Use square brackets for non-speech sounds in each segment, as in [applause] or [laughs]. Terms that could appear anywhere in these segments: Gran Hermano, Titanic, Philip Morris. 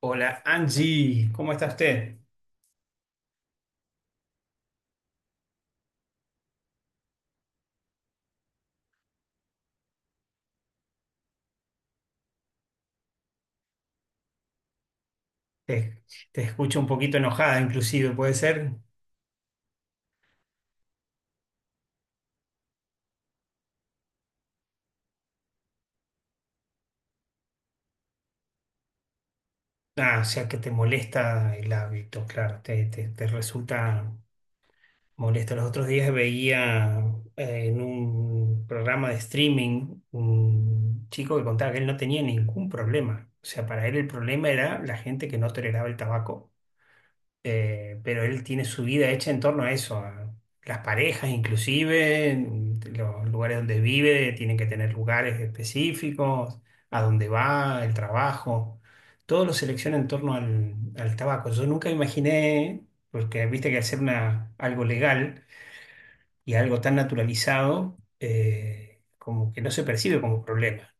Hola Angie, ¿cómo está usted? Te, te escucho un poquito enojada, inclusive, ¿puede ser? Ah, o sea que te molesta el hábito, claro, te resulta molesto. Los otros días veía en un programa de streaming un chico que contaba que él no tenía ningún problema. O sea, para él el problema era la gente que no toleraba el tabaco. Pero él tiene su vida hecha en torno a eso, a las parejas inclusive, en los lugares donde vive, tienen que tener lugares específicos, a dónde va, el trabajo, todo lo selecciona en torno al tabaco. Yo nunca imaginé, porque viste que algo legal y algo tan naturalizado, como que no se percibe como problema.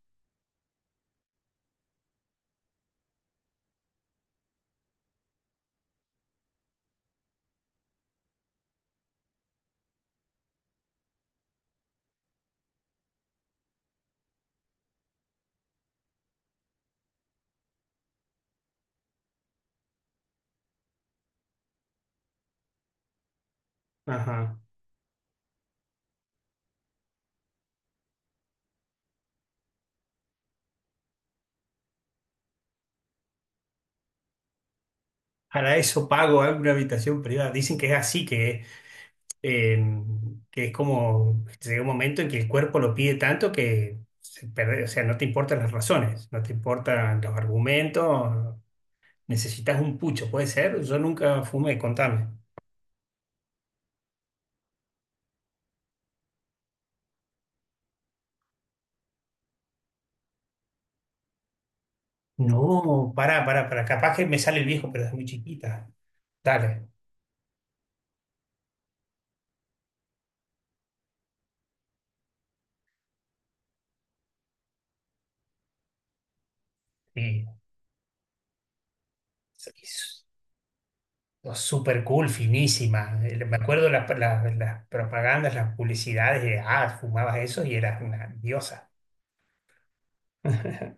Ajá. Para eso pago alguna habitación privada. Dicen que es así, eh, que es como, llega un momento en que el cuerpo lo pide tanto que o sea, no te importan las razones, no te importan los argumentos, necesitas un pucho, puede ser, yo nunca fumé, contame. No, pará, pará, pará, capaz que me sale el viejo, pero es muy chiquita. Dale, sí. Es- es cool, finísima. Me acuerdo las, las propagandas, las publicidades de, ah, fumabas eso y eras una diosa. [laughs]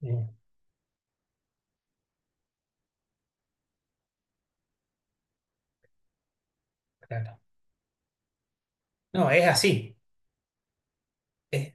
Sí, claro. No, es así. Es,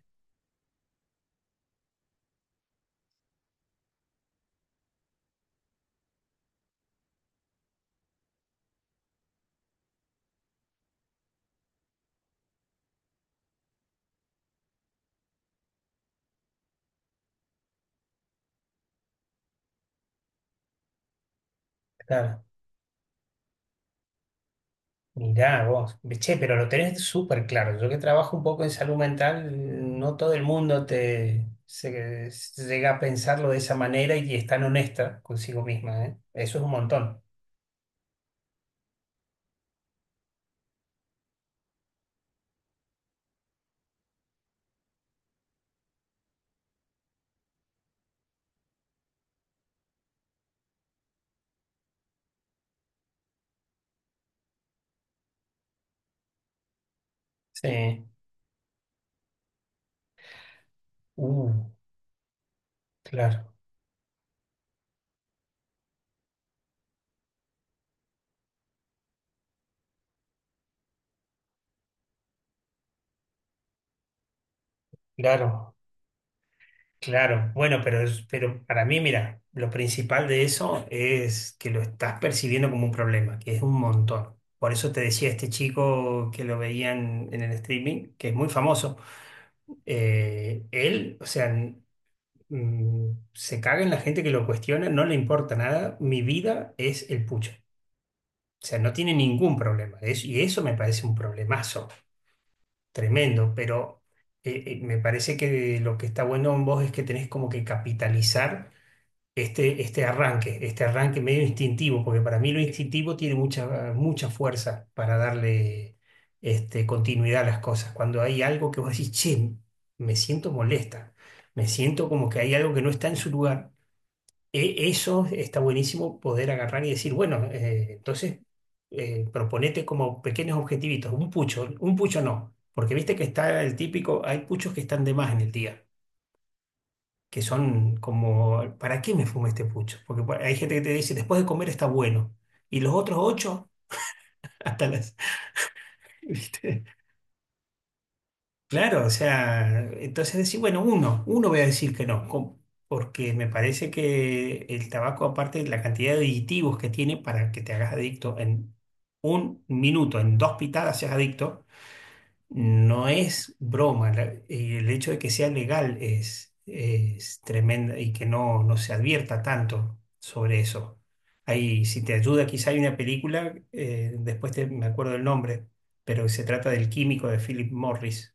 claro. Mirá vos, che, pero lo tenés súper claro. Yo que trabajo un poco en salud mental, no todo el mundo se llega a pensarlo de esa manera y es tan honesta consigo misma, ¿eh? Eso es un montón. Sí. Uh, claro, claro, claro. Bueno, pero, pero para mí, mira, lo principal de eso es que lo estás percibiendo como un problema, que es un montón. Por eso te decía este chico que lo veían en el streaming, que es muy famoso él, o sea, se caga en la gente que lo cuestiona, no le importa nada, mi vida es el pucho. O sea, no tiene ningún problema. Y eso me parece un problemazo tremendo, pero me parece que lo que está bueno en vos es que tenés como que capitalizar este arranque medio instintivo, porque para mí lo instintivo tiene mucha fuerza para darle este, continuidad a las cosas. Cuando hay algo que vos decís, che, me siento molesta, me siento como que hay algo que no está en su lugar eso está buenísimo poder agarrar y decir, bueno, entonces proponete como pequeños objetivitos, un pucho no, porque viste que está el típico, hay puchos que están de más en el día, que son como, ¿para qué me fumo este pucho? Hay gente que te dice, después de comer está bueno, y los otros ocho, [laughs] hasta las, ¿viste? Claro, o sea, entonces decir, bueno, uno voy a decir que no, porque me parece que el tabaco, aparte de la cantidad de aditivos que tiene para que te hagas adicto en un minuto, en dos pitadas seas adicto, no es broma. El hecho de que sea legal es tremendo y que no se advierta tanto sobre eso. Ahí, si te ayuda, quizá hay una película, me acuerdo del nombre, pero se trata del químico de Philip Morris,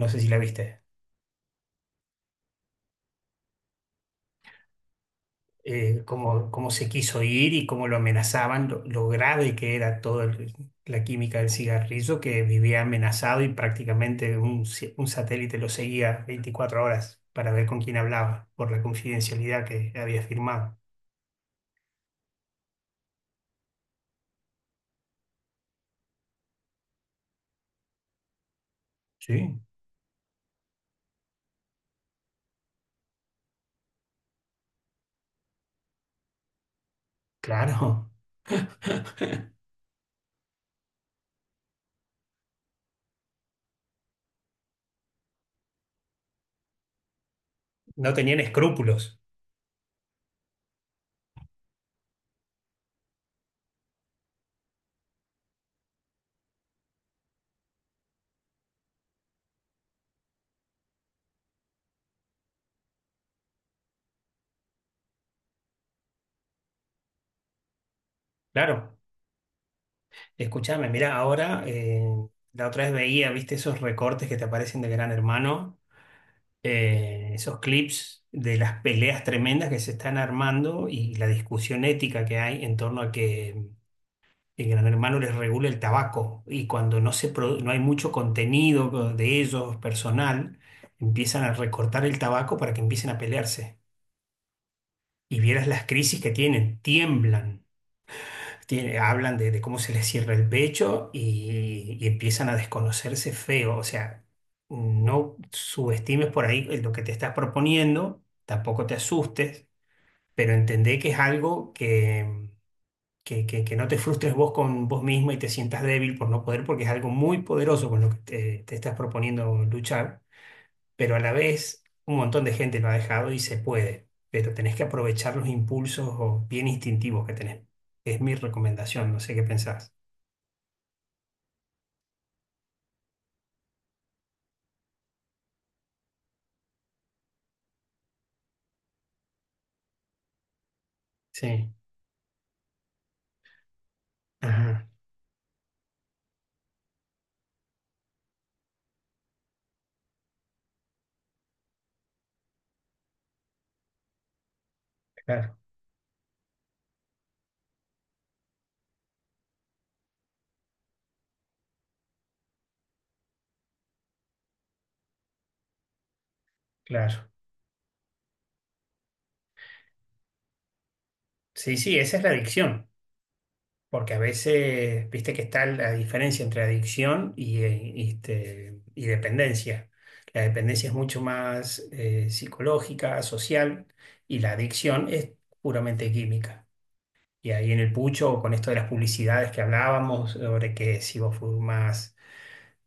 no sé si la viste. Cómo, cómo se quiso ir y cómo lo amenazaban, lo grave que era toda la química del cigarrillo, que vivía amenazado y prácticamente un satélite lo seguía 24 horas para ver con quién hablaba, por la confidencialidad que había firmado. Sí, claro. [laughs] No tenían escrúpulos, claro. Escúchame, mira, ahora la otra vez veía, viste, esos recortes que te aparecen de Gran Hermano, esos clips de las peleas tremendas que se están armando y la discusión ética que hay en torno a que el Gran Hermano les regula el tabaco y cuando no hay mucho contenido de ellos personal, empiezan a recortar el tabaco para que empiecen a pelearse. Y vieras las crisis que tienen, tiemblan, hablan de cómo se les cierra el pecho y empiezan a desconocerse feo. O sea, no subestimes por ahí lo que te estás proponiendo, tampoco te asustes, pero entendé que es algo que no te frustres vos con vos mismo y te sientas débil por no poder, porque es algo muy poderoso con lo que te estás proponiendo luchar, pero a la vez un montón de gente lo ha dejado y se puede. Pero tenés que aprovechar los impulsos o bien instintivos que tenés. Es mi recomendación, no sé qué pensás. Sí, ajá, claro, claro. Sí, sí, esa es la adicción, porque a veces, viste que está la diferencia entre adicción y este, y dependencia. La dependencia es mucho más psicológica, social, y la adicción es puramente química. Y ahí en el pucho, con esto de las publicidades que hablábamos, sobre que si vos fumas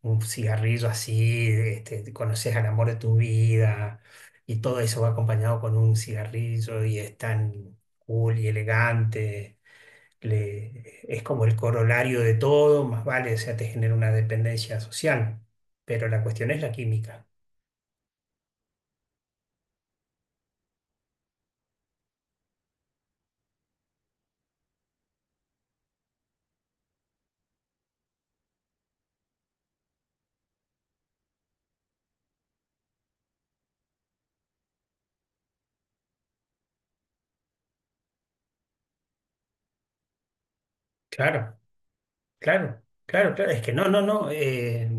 un cigarrillo así, este, conoces al amor de tu vida y todo eso va acompañado con un cigarrillo y es tan cool y elegante, es como el corolario de todo, más vale, o sea, te genera una dependencia social, pero la cuestión es la química. Claro. Claro, claro, claro. Es que no, no, no.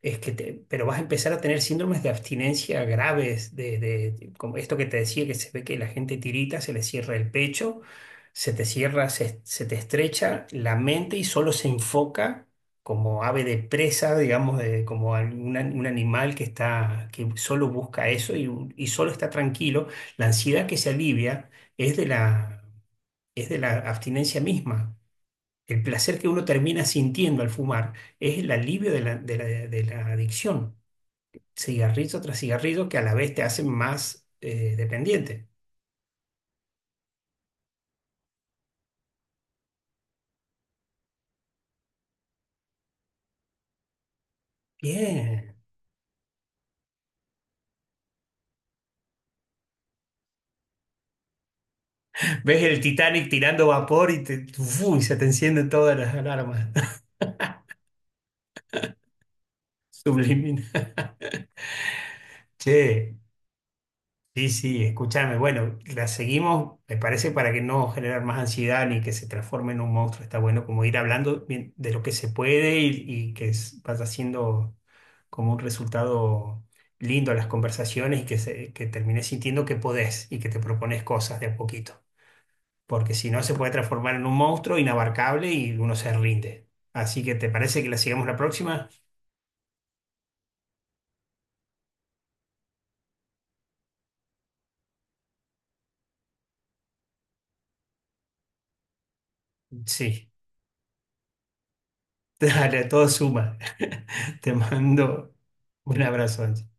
Es que pero vas a empezar a tener síndromes de abstinencia graves, como esto que te decía, que se ve que la gente tirita, se le cierra el pecho, se te cierra, se te estrecha la mente y solo se enfoca como ave de presa, digamos, como algún un animal que está, que solo busca eso y, y solo está tranquilo. La ansiedad que se alivia es de la, es de la abstinencia misma. El placer que uno termina sintiendo al fumar es el alivio de la adicción, cigarrillo tras cigarrillo, que a la vez te hacen más dependiente. Bien. Ves el Titanic tirando vapor y, te, uf, y se te encienden todas las alarmas. [laughs] Subliminal. Che. Sí, sí, escúchame. Bueno, la seguimos, me parece, para que no generar más ansiedad ni que se transforme en un monstruo. Está bueno como ir hablando bien de lo que se puede y que vaya siendo como un resultado lindo a las conversaciones y que, que termines sintiendo que podés y que te propones cosas de a poquito. Porque si no, se puede transformar en un monstruo inabarcable y uno se rinde. Así que, ¿te parece que la sigamos la próxima? Sí, [laughs] dale, todo suma. [laughs] Te mando un abrazo, Angie.